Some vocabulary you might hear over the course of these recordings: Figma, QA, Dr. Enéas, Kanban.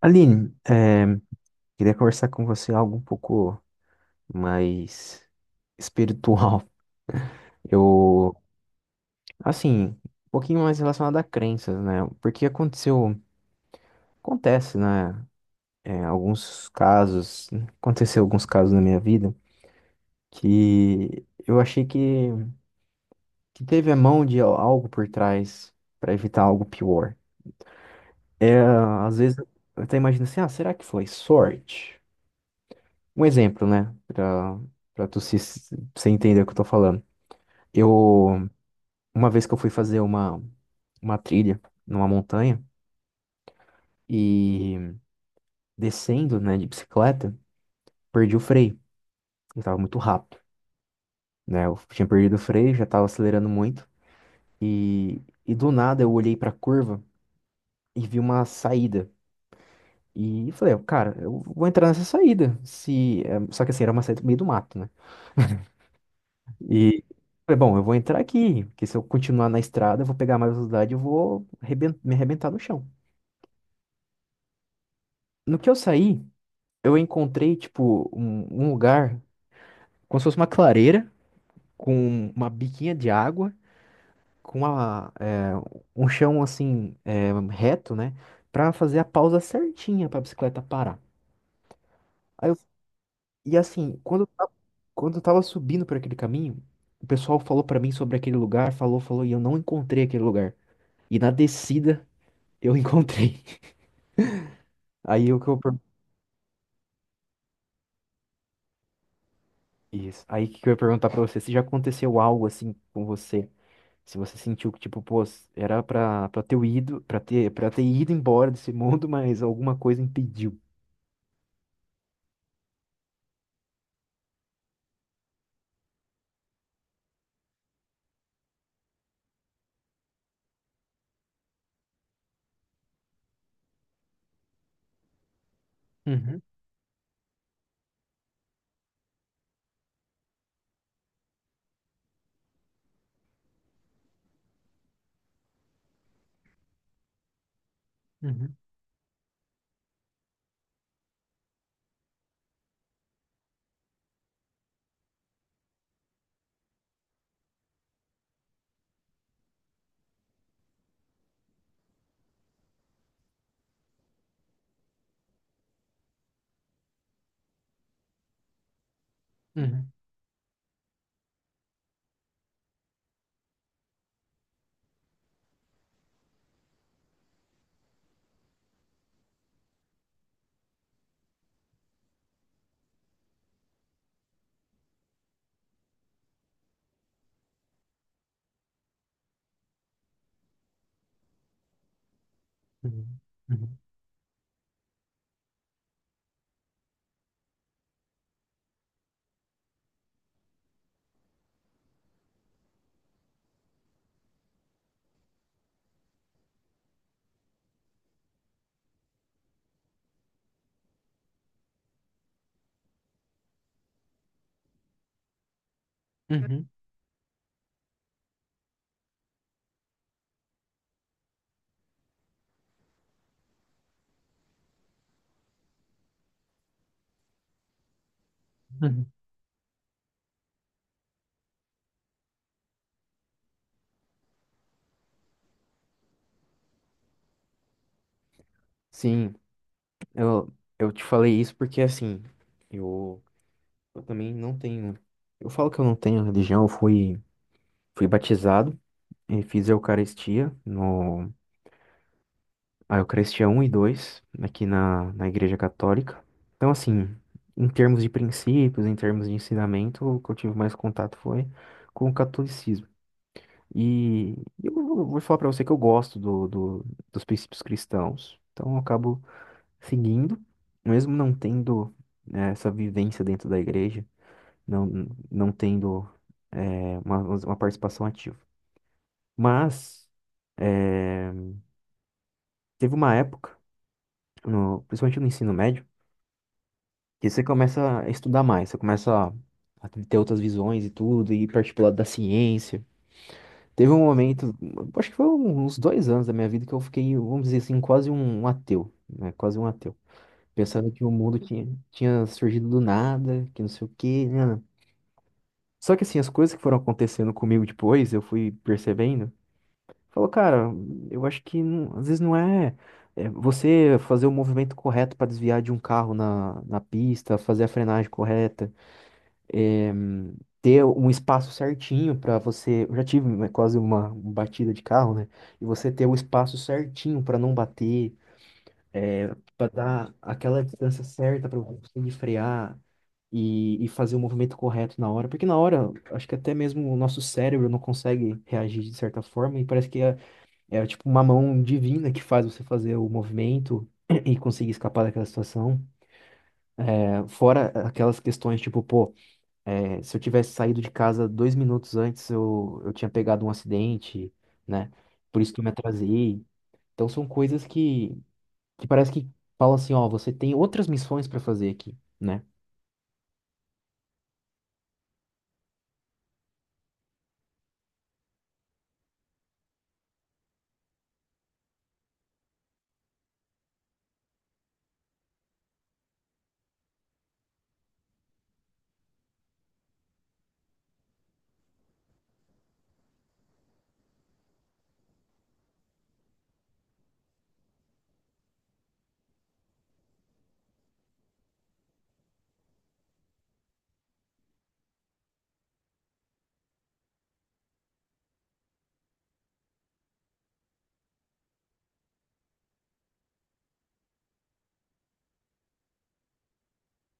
Aline, queria conversar com você algo um pouco mais espiritual. Eu, assim, um pouquinho mais relacionado a crenças, né? Porque acontece, né? eh, alguns casos, aconteceu alguns casos na minha vida que eu achei que teve a mão de algo por trás para evitar algo pior. É, às vezes eu até imagino assim, ah, será que foi sorte? Um exemplo, né? Pra tu se entender o que eu tô falando. Eu, uma vez que eu fui fazer uma trilha numa montanha e descendo, né, de bicicleta, perdi o freio. Eu tava muito rápido, né? Eu tinha perdido o freio, já tava acelerando muito. E do nada eu olhei pra curva e vi uma saída. E falei, cara, eu vou entrar nessa saída. Se, eh, Só que assim, era uma saída no meio do mato, né? E falei, bom, eu vou entrar aqui, porque se eu continuar na estrada, eu vou pegar mais velocidade e eu vou me arrebentar no chão. No que eu saí, eu encontrei, tipo, um lugar como se fosse uma clareira, com uma biquinha de água, com um chão, assim, reto, né? Pra fazer a pausa certinha pra bicicleta parar. Aí eu- e assim, quando eu tava subindo por aquele caminho, o pessoal falou pra mim sobre aquele lugar, falou, falou, e eu não encontrei aquele lugar. E na descida. Eu encontrei. Aí o que eu per- Isso. Aí que eu ia perguntar pra você se já aconteceu algo assim com você. Se você sentiu que, tipo, pô, era pra ter ido embora desse mundo, mas alguma coisa impediu. Uhum, uhum, uhum, uhum, uhum, uhum, uhum. Sim, eu, eu te falei isso porque assim, eu, eu também não tenho. Eu falo que eu não tenho religião, fui batizado e fiz a Eucaristia. No, Ah, eu cresci a um e 2 aqui na Igreja Católica. Então, assim, em termos de princípios, em termos de ensinamento, o que eu tive mais contato foi com o catolicismo. E eu vou falar para você que eu gosto dos princípios cristãos, então eu acabo seguindo, mesmo não tendo né, essa vivência dentro da igreja, não, não tendo eh, uma, uma participação ativa. Mas eh, teve uma época, principalmente no ensino médio, que você começa a estudar mais, você começa a ter outras visões e tudo, e partir pro lado da ciência. Teve um momento, acho que foi uns 2 anos da minha vida que eu fiquei, vamos dizer assim, quase um ateu, né? Quase um ateu. Pensando que o mundo tinha surgido do nada, que não sei o quê, né. Só que assim, as coisas que foram acontecendo comigo depois, eu fui percebendo, falou, cara, eu acho que às vezes não é, é você fazer o movimento correto para desviar de um carro na pista, fazer a frenagem correta. eh, Ter um espaço certinho para você. Eu já tive né, quase uma batida de carro, né? E você ter o espaço certinho para não bater, para dar aquela distância certa para você conseguir frear e fazer o movimento correto na hora. Porque na hora, acho que até mesmo o nosso cérebro não consegue reagir de certa forma e parece que é tipo uma mão divina que faz você fazer o movimento. E conseguir escapar daquela situação. É, fora aquelas questões, tipo, pô, se eu tivesse saído de casa 2 minutos antes, eu tinha pegado um acidente, né? Por isso que eu me atrasei. Então são coisas que parece que falam assim, ó, você tem outras missões para fazer aqui, né?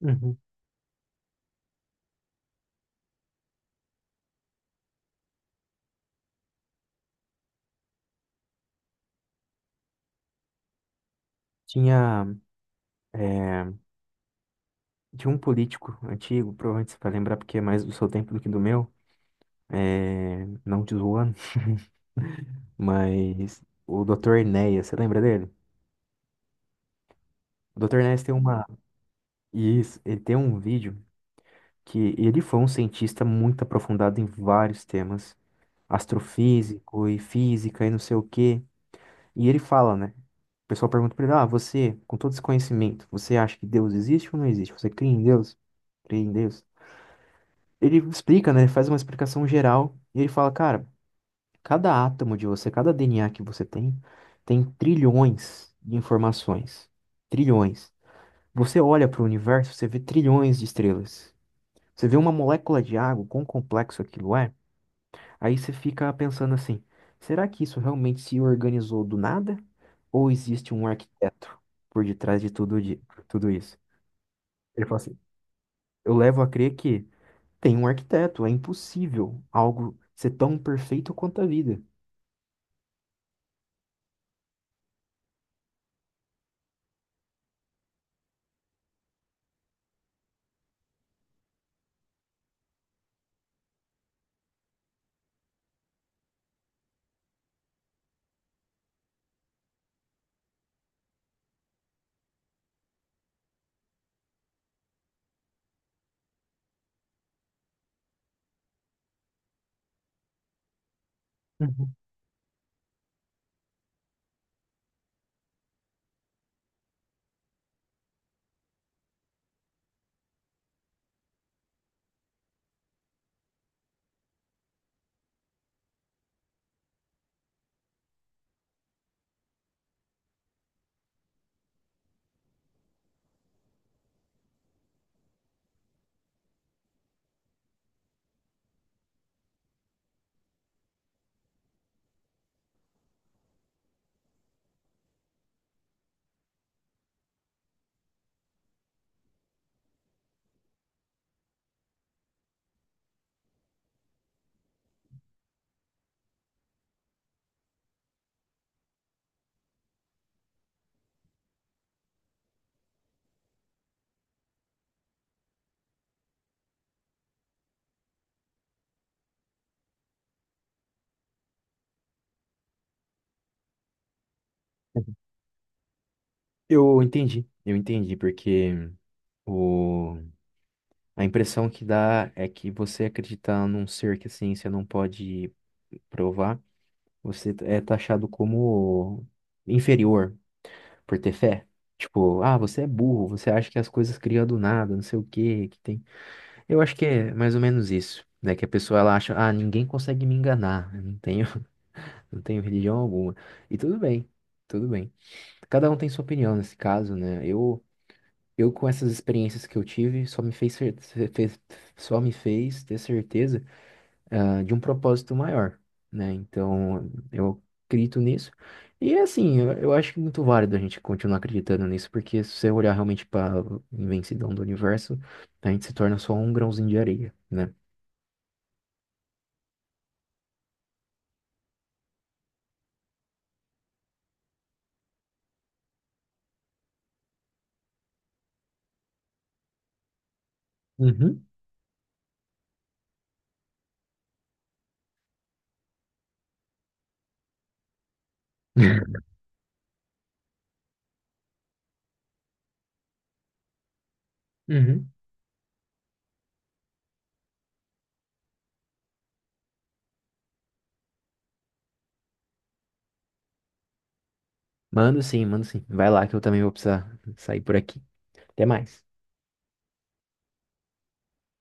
Uhum. Tinha, é, Tinha um político antigo, provavelmente você vai lembrar porque é mais do seu tempo do que do meu, não te zoando, mas o Dr. Enéas, você lembra dele? O Dr. Enéas tem uma. Isso, ele tem um vídeo que ele foi um cientista muito aprofundado em vários temas, astrofísico e física e não sei o quê. E ele fala, né? O pessoal pergunta pra ele: Ah, você, com todo esse conhecimento, você acha que Deus existe ou não existe? Você crê em Deus? Crê em Deus? Ele explica, né? Ele faz uma explicação geral e ele fala: Cara, cada átomo de você, cada DNA que você tem, tem trilhões de informações. Trilhões. Você olha para o universo, você vê trilhões de estrelas. Você vê uma molécula de água, quão complexo aquilo é. Aí você fica pensando assim: será que isso realmente se organizou do nada? Ou existe um arquiteto por detrás de tudo, tudo isso? Ele fala assim: eu levo a crer que tem um arquiteto, é impossível algo ser tão perfeito quanto a vida. Uhum. Eu entendi, porque o... a impressão que dá é que você acreditar num ser que a ciência não pode provar, você é taxado como inferior, por ter fé. Tipo, ah, você é burro, você acha que as coisas criam do nada, não sei o que que tem. Eu acho que é mais ou menos isso, né? Que a pessoa ela acha, ah, ninguém consegue me enganar, eu não tenho, não tenho religião alguma. E tudo bem, tudo bem. Cada um tem sua opinião nesse caso, né? Eu com essas experiências que eu tive, só me fez ter certeza ah, de um propósito maior, né? Então, eu acredito nisso. E assim, eu acho muito válido a gente continuar acreditando nisso, porque se você olhar realmente para a imensidão do universo, a gente se torna só um grãozinho de areia, né? Uhum. Uhum. Mando sim, mando sim. Vai lá que eu também vou precisar sair por aqui. Até mais.